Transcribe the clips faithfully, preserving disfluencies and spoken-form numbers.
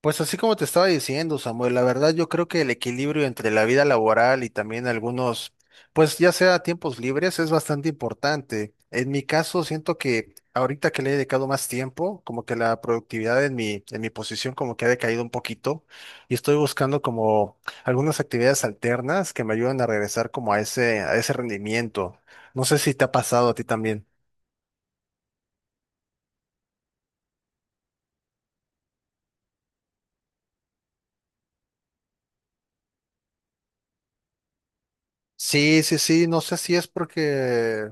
Pues así como te estaba diciendo, Samuel, la verdad yo creo que el equilibrio entre la vida laboral y también algunos, pues ya sea tiempos libres, es bastante importante. En mi caso, siento que ahorita que le he dedicado más tiempo, como que la productividad en mi, en mi posición como que ha decaído un poquito y estoy buscando como algunas actividades alternas que me ayuden a regresar como a ese, a ese rendimiento. No sé si te ha pasado a ti también. Sí, sí, sí, no sé si es porque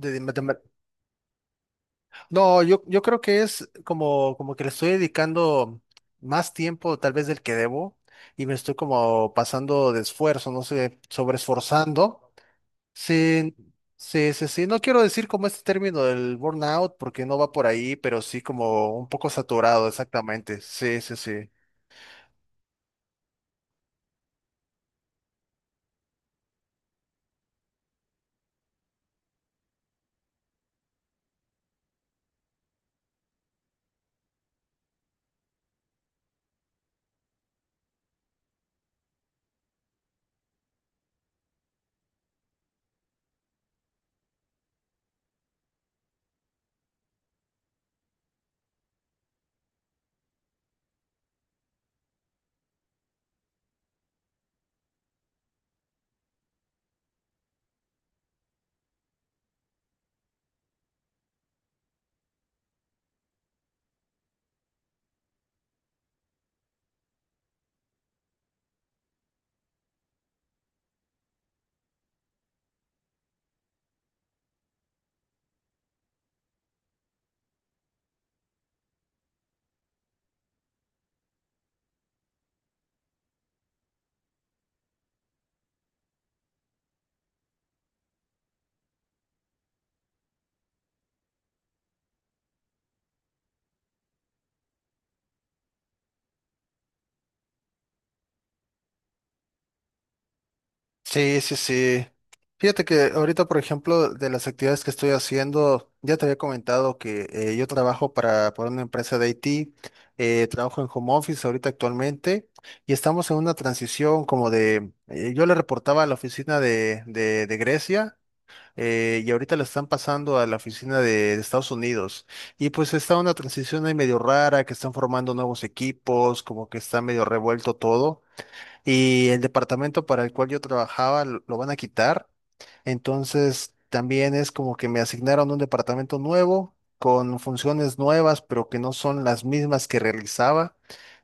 de- de- no, yo, yo creo que es como, como que le estoy dedicando más tiempo tal vez del que debo y me estoy como pasando de esfuerzo, no sé, sobreesforzando. Sí, sí, sí, sí. No quiero decir como este término del burnout porque no va por ahí, pero sí como un poco saturado, exactamente. Sí, sí, sí. Sí, sí, sí. Fíjate que ahorita, por ejemplo, de las actividades que estoy haciendo, ya te había comentado que eh, yo trabajo para, para una empresa de I T, eh, trabajo en home office ahorita actualmente y estamos en una transición como de, eh, yo le reportaba a la oficina de, de, de Grecia eh, y ahorita la están pasando a la oficina de, de Estados Unidos y pues está una transición ahí medio rara, que están formando nuevos equipos, como que está medio revuelto todo y el departamento para el cual yo trabajaba lo lo van a quitar. Entonces, también es como que me asignaron un departamento nuevo con funciones nuevas, pero que no son las mismas que realizaba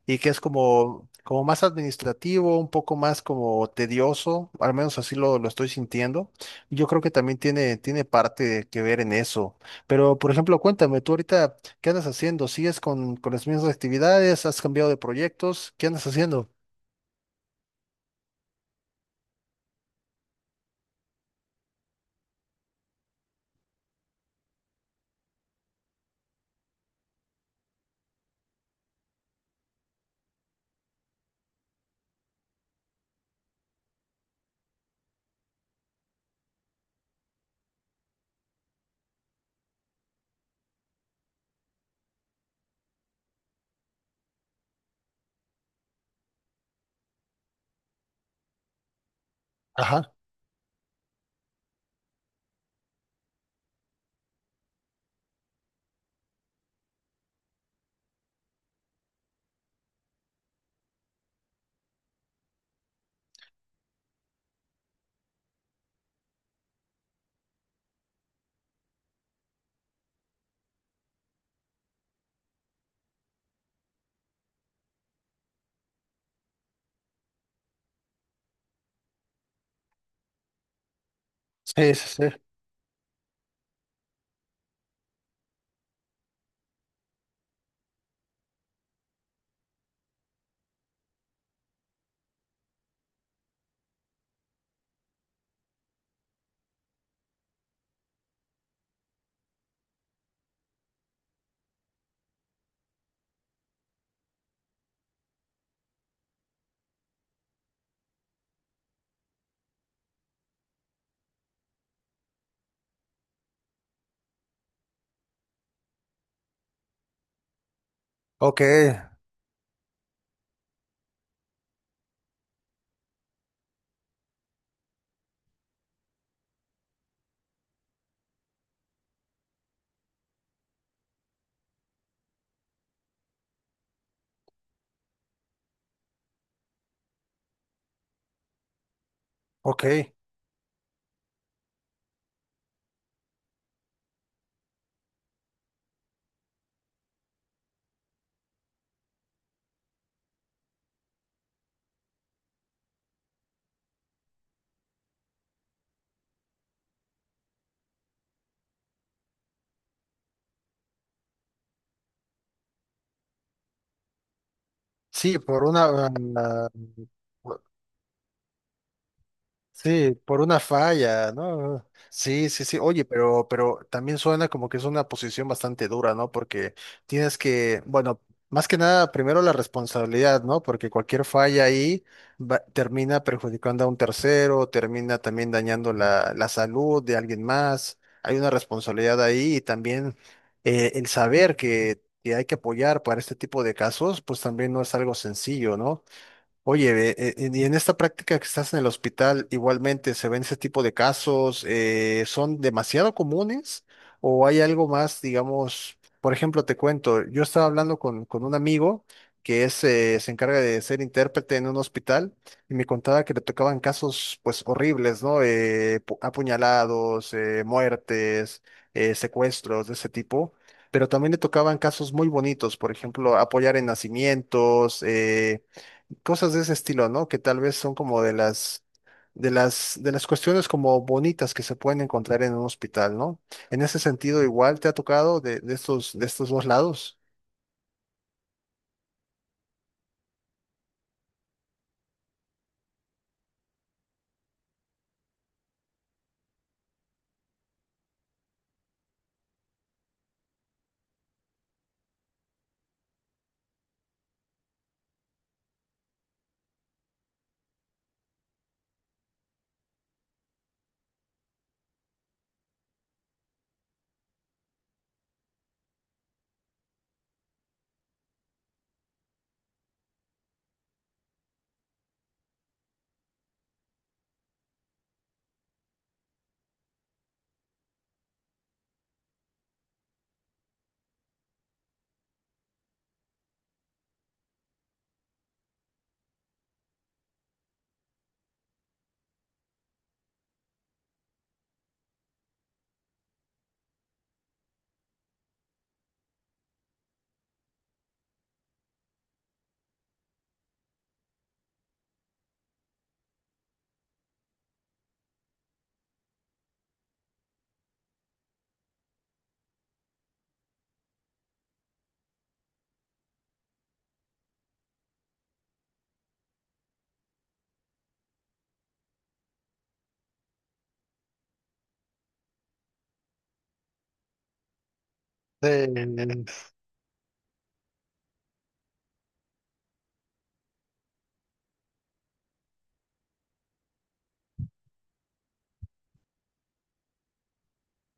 y que es como, como más administrativo, un poco más como tedioso, al menos así lo, lo estoy sintiendo. Y yo creo que también tiene, tiene parte que ver en eso. Pero, por ejemplo, cuéntame, tú ahorita, ¿qué andas haciendo? ¿Sigues con, con las mismas actividades? ¿Has cambiado de proyectos? ¿Qué andas haciendo? Ajá. Sí, sí, sí. Ok, ok. Sí, por una, ah, sí, por una falla, ¿no? Sí, sí, sí. Oye, pero, pero también suena como que es una posición bastante dura, ¿no? Porque tienes que, bueno, más que nada, primero la responsabilidad, ¿no? Porque cualquier falla ahí va- termina perjudicando a un tercero, termina también dañando la, la salud de alguien más. Hay una responsabilidad ahí y también eh, el saber que, que hay que apoyar para este tipo de casos, pues también no es algo sencillo, ¿no? Oye, ve, eh, eh, y en esta práctica que estás en el hospital, igualmente se ven ese tipo de casos, ¿eh, son demasiado comunes o hay algo más, digamos, por ejemplo, te cuento, yo estaba hablando con, con un amigo que es, eh, se encarga de ser intérprete en un hospital y me contaba que le tocaban casos pues horribles, ¿no? Eh, pu- apuñalados, eh, muertes, eh, secuestros de ese tipo. Pero también le tocaban casos muy bonitos, por ejemplo, apoyar en nacimientos, eh, cosas de ese estilo, ¿no? Que tal vez son como de las, de las, de las cuestiones como bonitas que se pueden encontrar en un hospital, ¿no? En ese sentido, igual te ha tocado de, de estos, de estos dos lados.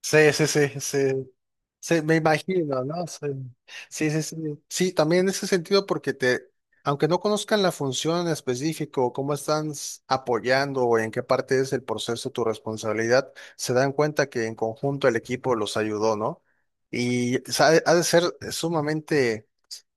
Sí, sí, sí, sí, sí. Sí, me imagino, ¿no? Sí, sí, sí. Sí, sí, también en ese sentido, porque te, aunque no conozcan la función en específico, o cómo están s- apoyando o en qué parte es el proceso tu responsabilidad, se dan cuenta que en conjunto el equipo los ayudó, ¿no? Y sa- ha de ser sumamente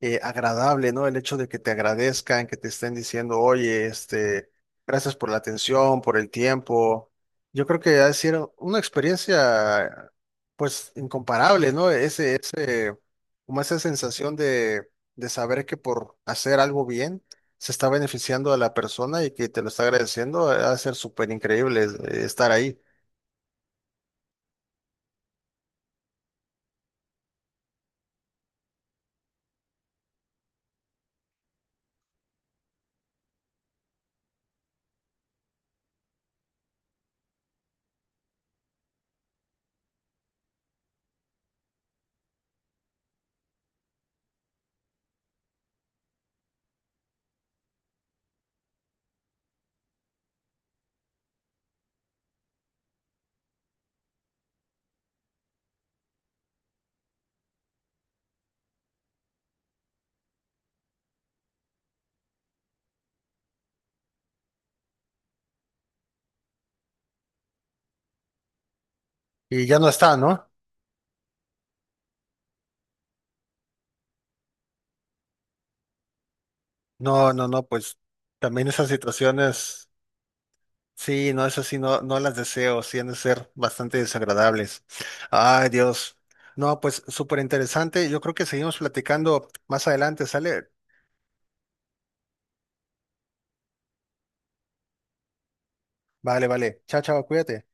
eh, agradable, ¿no? El hecho de que te agradezcan, que te estén diciendo, oye, este, gracias por la atención, por el tiempo. Yo creo que ha sido una experiencia pues incomparable, ¿no? Ese, ese, como esa sensación de, de saber que por hacer algo bien se está beneficiando a la persona y que te lo está agradeciendo, va a ser súper increíble eh, estar ahí. Y ya no está, ¿no? No, no, no, pues también esas situaciones, sí, no, esas sí, no, no las deseo, sí han de ser bastante desagradables. Ay, Dios. No, pues súper interesante. Yo creo que seguimos platicando más adelante, ¿sale? Vale, vale. Chao, chao, cuídate.